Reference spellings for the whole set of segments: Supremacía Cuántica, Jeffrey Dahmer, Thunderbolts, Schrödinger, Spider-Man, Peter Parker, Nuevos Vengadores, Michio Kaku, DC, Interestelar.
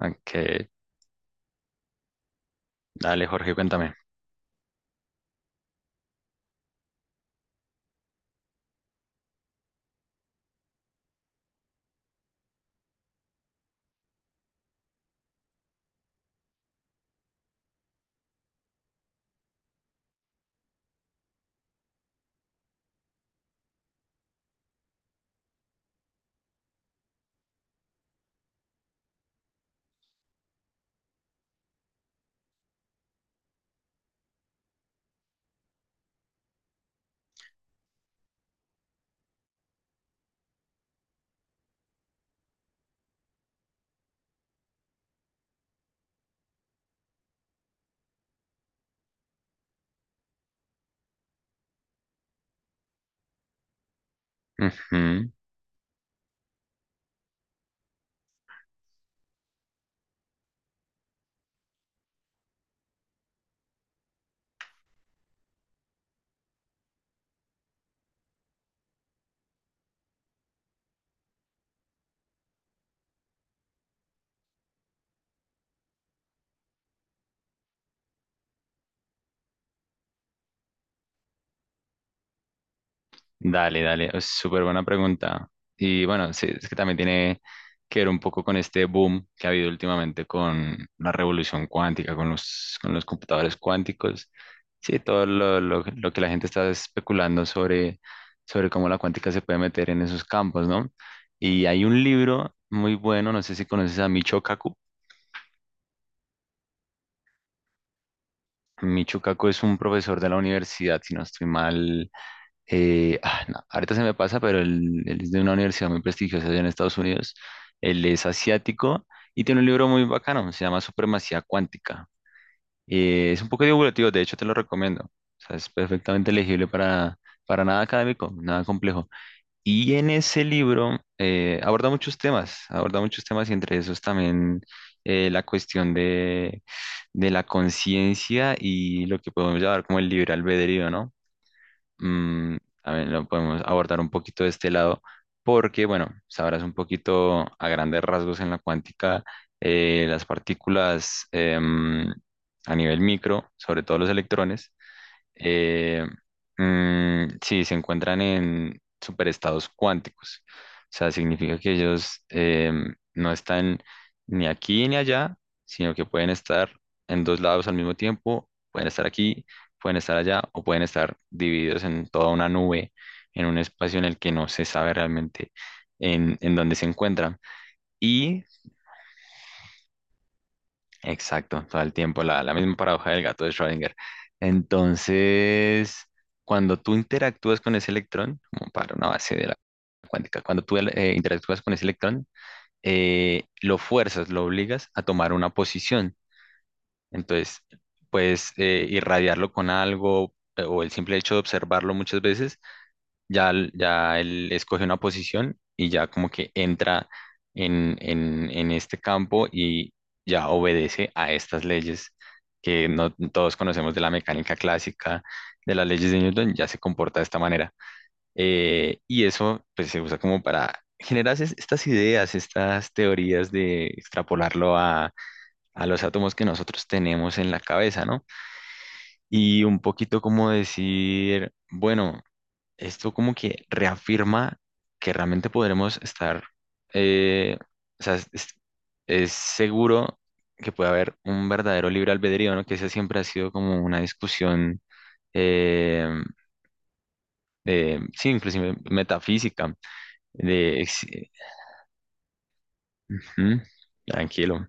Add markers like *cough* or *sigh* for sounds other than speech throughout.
Ok, dale, Jorge, cuéntame. Ujú. Dale, dale, es súper buena pregunta. Y bueno, sí, es que también tiene que ver un poco con este boom que ha habido últimamente con la revolución cuántica, con con los computadores cuánticos. Sí, todo lo que la gente está especulando sobre cómo la cuántica se puede meter en esos campos, ¿no? Y hay un libro muy bueno, no sé si conoces a Michio Kaku. Michio Kaku es un profesor de la universidad, si no estoy mal. No, ahorita se me pasa, pero él es de una universidad muy prestigiosa allá en Estados Unidos. Él es asiático y tiene un libro muy bacano, se llama Supremacía Cuántica. Es un poco divulgativo, de hecho te lo recomiendo. O sea, es perfectamente legible, para nada académico, nada complejo. Y en ese libro aborda muchos temas, aborda muchos temas, y entre esos también la cuestión de la conciencia y lo que podemos llamar como el libre albedrío, ¿no? mm, también lo podemos abordar un poquito de este lado, porque, bueno, sabrás un poquito a grandes rasgos, en la cuántica las partículas a nivel micro, sobre todo los electrones, eh, sí, se encuentran en superestados cuánticos. O sea, significa que ellos no están ni aquí ni allá, sino que pueden estar en dos lados al mismo tiempo: pueden estar aquí, pueden estar allá, o pueden estar divididos en toda una nube, en un espacio en el que no se sabe realmente en dónde se encuentran. Y Exacto, todo el tiempo, la misma paradoja del gato de Schrödinger. Entonces, cuando tú interactúas con ese electrón, como para una base de la cuántica, cuando tú interactúas con ese electrón, lo fuerzas, lo obligas a tomar una posición. Entonces, puedes irradiarlo con algo, o el simple hecho de observarlo muchas veces ya, ya él escoge una posición y ya como que entra en este campo y ya obedece a estas leyes que no todos conocemos, de la mecánica clásica, de las leyes de Newton. Ya se comporta de esta manera. Y eso pues se usa como para generar estas ideas, estas teorías, de extrapolarlo a los átomos que nosotros tenemos en la cabeza, ¿no? Y un poquito como decir, bueno, esto como que reafirma que realmente podremos estar, eh, o sea, es seguro que puede haber un verdadero libre albedrío, ¿no? Que esa siempre ha sido como una discusión eh, sí, inclusive metafísica, de, ex- ¿Mm? Tranquilo.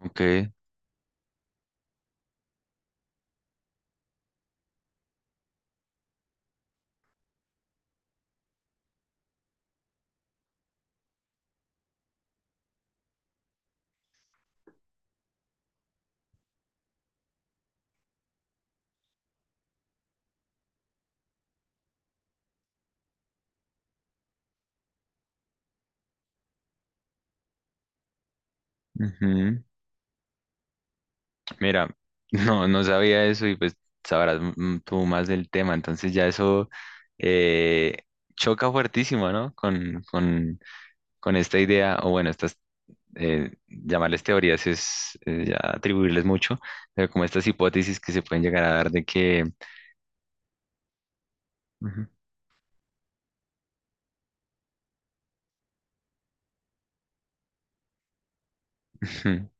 Ok, ujú. Mira, *laughs* no, no sabía eso, y pues sabrás, tú más del tema, entonces ya eso eh, choca fuertísimo, ¿no? Con esta idea, o bueno, estas, llamarles teorías es ya atribuirles mucho, pero como estas hipótesis que se pueden llegar a dar de que... Ujú, *laughs* ujú.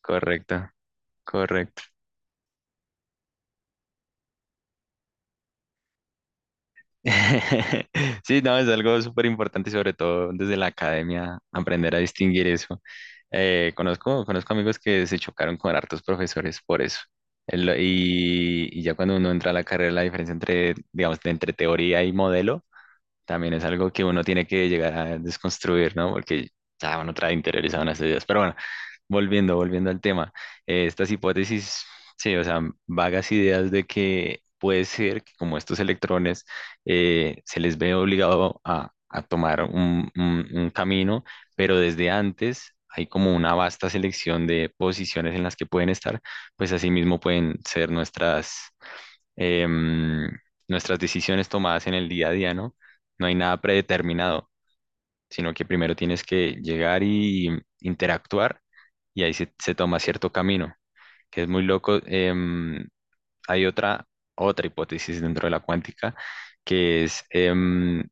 Correcto, correcto. *laughs* Sí, no, es algo súper importante, y sobre todo desde la academia, aprender a distinguir eso. Conozco amigos que se chocaron con hartos profesores por eso. Y ya cuando uno entra a la carrera, la diferencia entre, digamos, entre teoría y modelo también es algo que uno tiene que llegar a desconstruir, ¿no? Porque ya uno trae interiorizado en esas ideas. Pero bueno, volviendo al tema, estas hipótesis, sí, o sea, vagas ideas de que puede ser que, como estos electrones se les ve obligado a tomar un camino, pero desde antes hay como una vasta selección de posiciones en las que pueden estar, pues asimismo pueden ser nuestras, em, nuestras decisiones tomadas en el día a día, ¿no? No hay nada predeterminado, sino que primero tienes que llegar y interactuar, y ahí se toma cierto camino, que es muy loco. Hay otra hipótesis dentro de la cuántica, que es,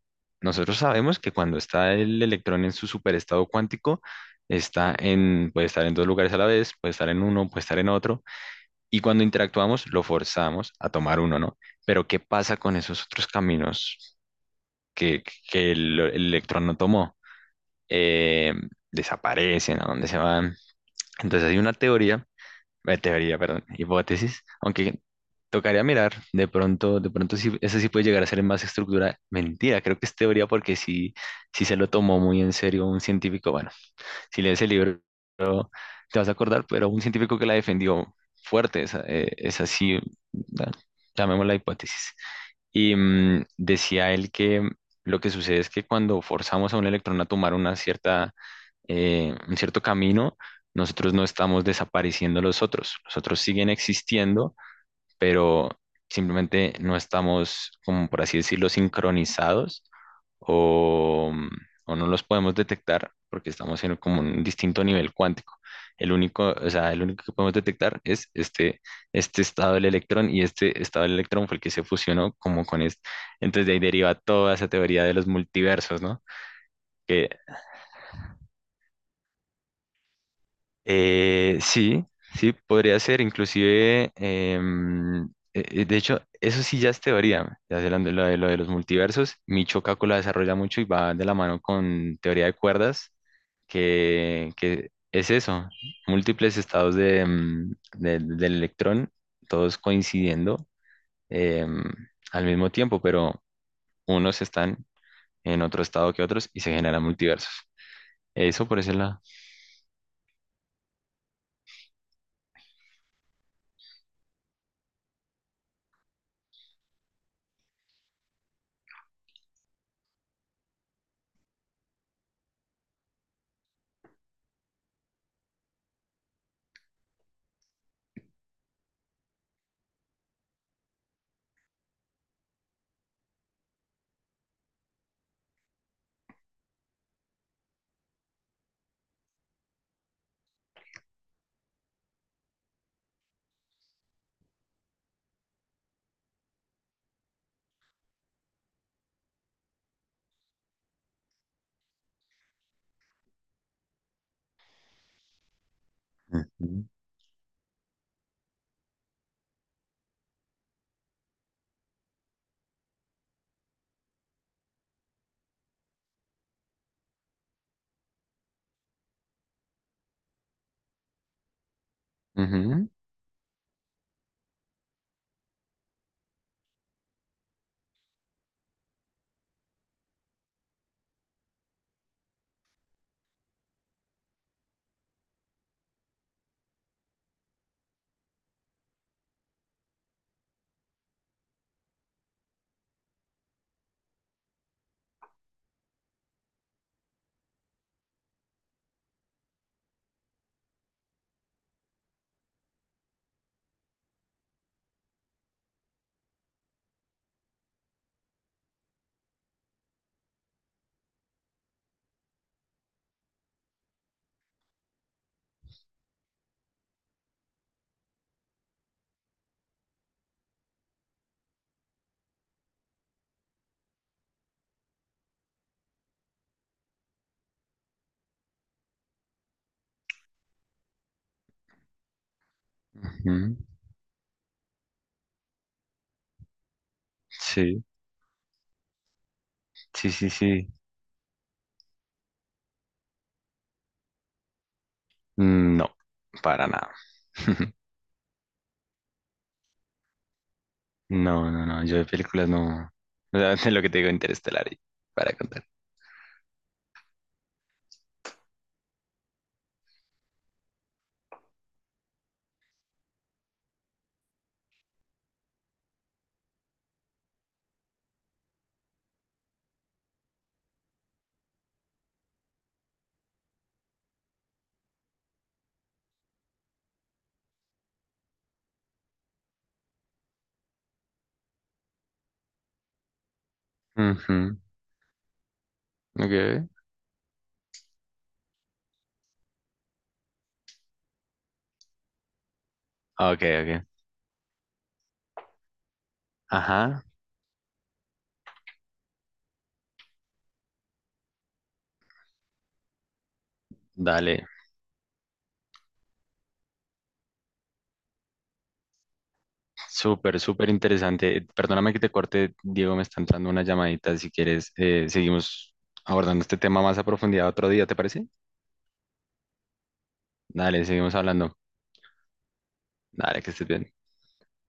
nosotros sabemos que cuando está el electrón en su superestado cuántico, puede estar en dos lugares a la vez, puede estar en uno, puede estar en otro, y cuando interactuamos lo forzamos a tomar uno, ¿no? Pero ¿qué pasa con esos otros caminos que, que el electrón no tomó? eh, Desaparecen, a dónde se van. Entonces hay una teoría, teoría, perdón, hipótesis, aunque tocaría mirar, de pronto sí, eso sí puede llegar a ser más estructura. Mentira, creo que es teoría porque sí, sí se lo tomó muy en serio un científico. Bueno, si lees el libro te vas a acordar, pero un científico que la defendió fuerte, esa, esa sí, la- llamémosla hipótesis. Y decía él que lo que sucede es que cuando forzamos a un electrón a tomar una cierta, un cierto camino, nosotros no estamos desapareciendo los otros. Los otros siguen existiendo, pero simplemente no estamos, como por así decirlo, sincronizados, o, o no los podemos detectar porque estamos en como un distinto nivel cuántico. El único, o sea, el único que podemos detectar es este, este estado del electrón, y este estado del electrón fue el que se fusionó como con este. Entonces de ahí deriva toda esa teoría de los multiversos, ¿no? Que Sí, sí, podría ser, inclusive, de hecho, eso sí ya es teoría, ya sé, lo de los multiversos. Michio Kaku la desarrolla mucho y va de la mano con teoría de cuerdas, que es eso, múltiples estados de, del electrón, todos coincidiendo em, al mismo tiempo, pero unos están en otro estado que otros y se generan multiversos. Eso por ese lado. Ujú, ujú, ujú. Sí, sí, sí, sí. No, para nada. *laughs* No, no, no. Yo de películas no. O sea, *laughs* de lo que te digo, Interestelar, y para contar. Ujú. Ok, ok, ok. Ajá, dale. Súper, súper interesante. Perdóname que te corte, Diego, me está entrando una llamadita. Si quieres, seguimos abordando este tema más a profundidad otro día, ¿te parece? Dale, seguimos hablando. Dale, que estés bien.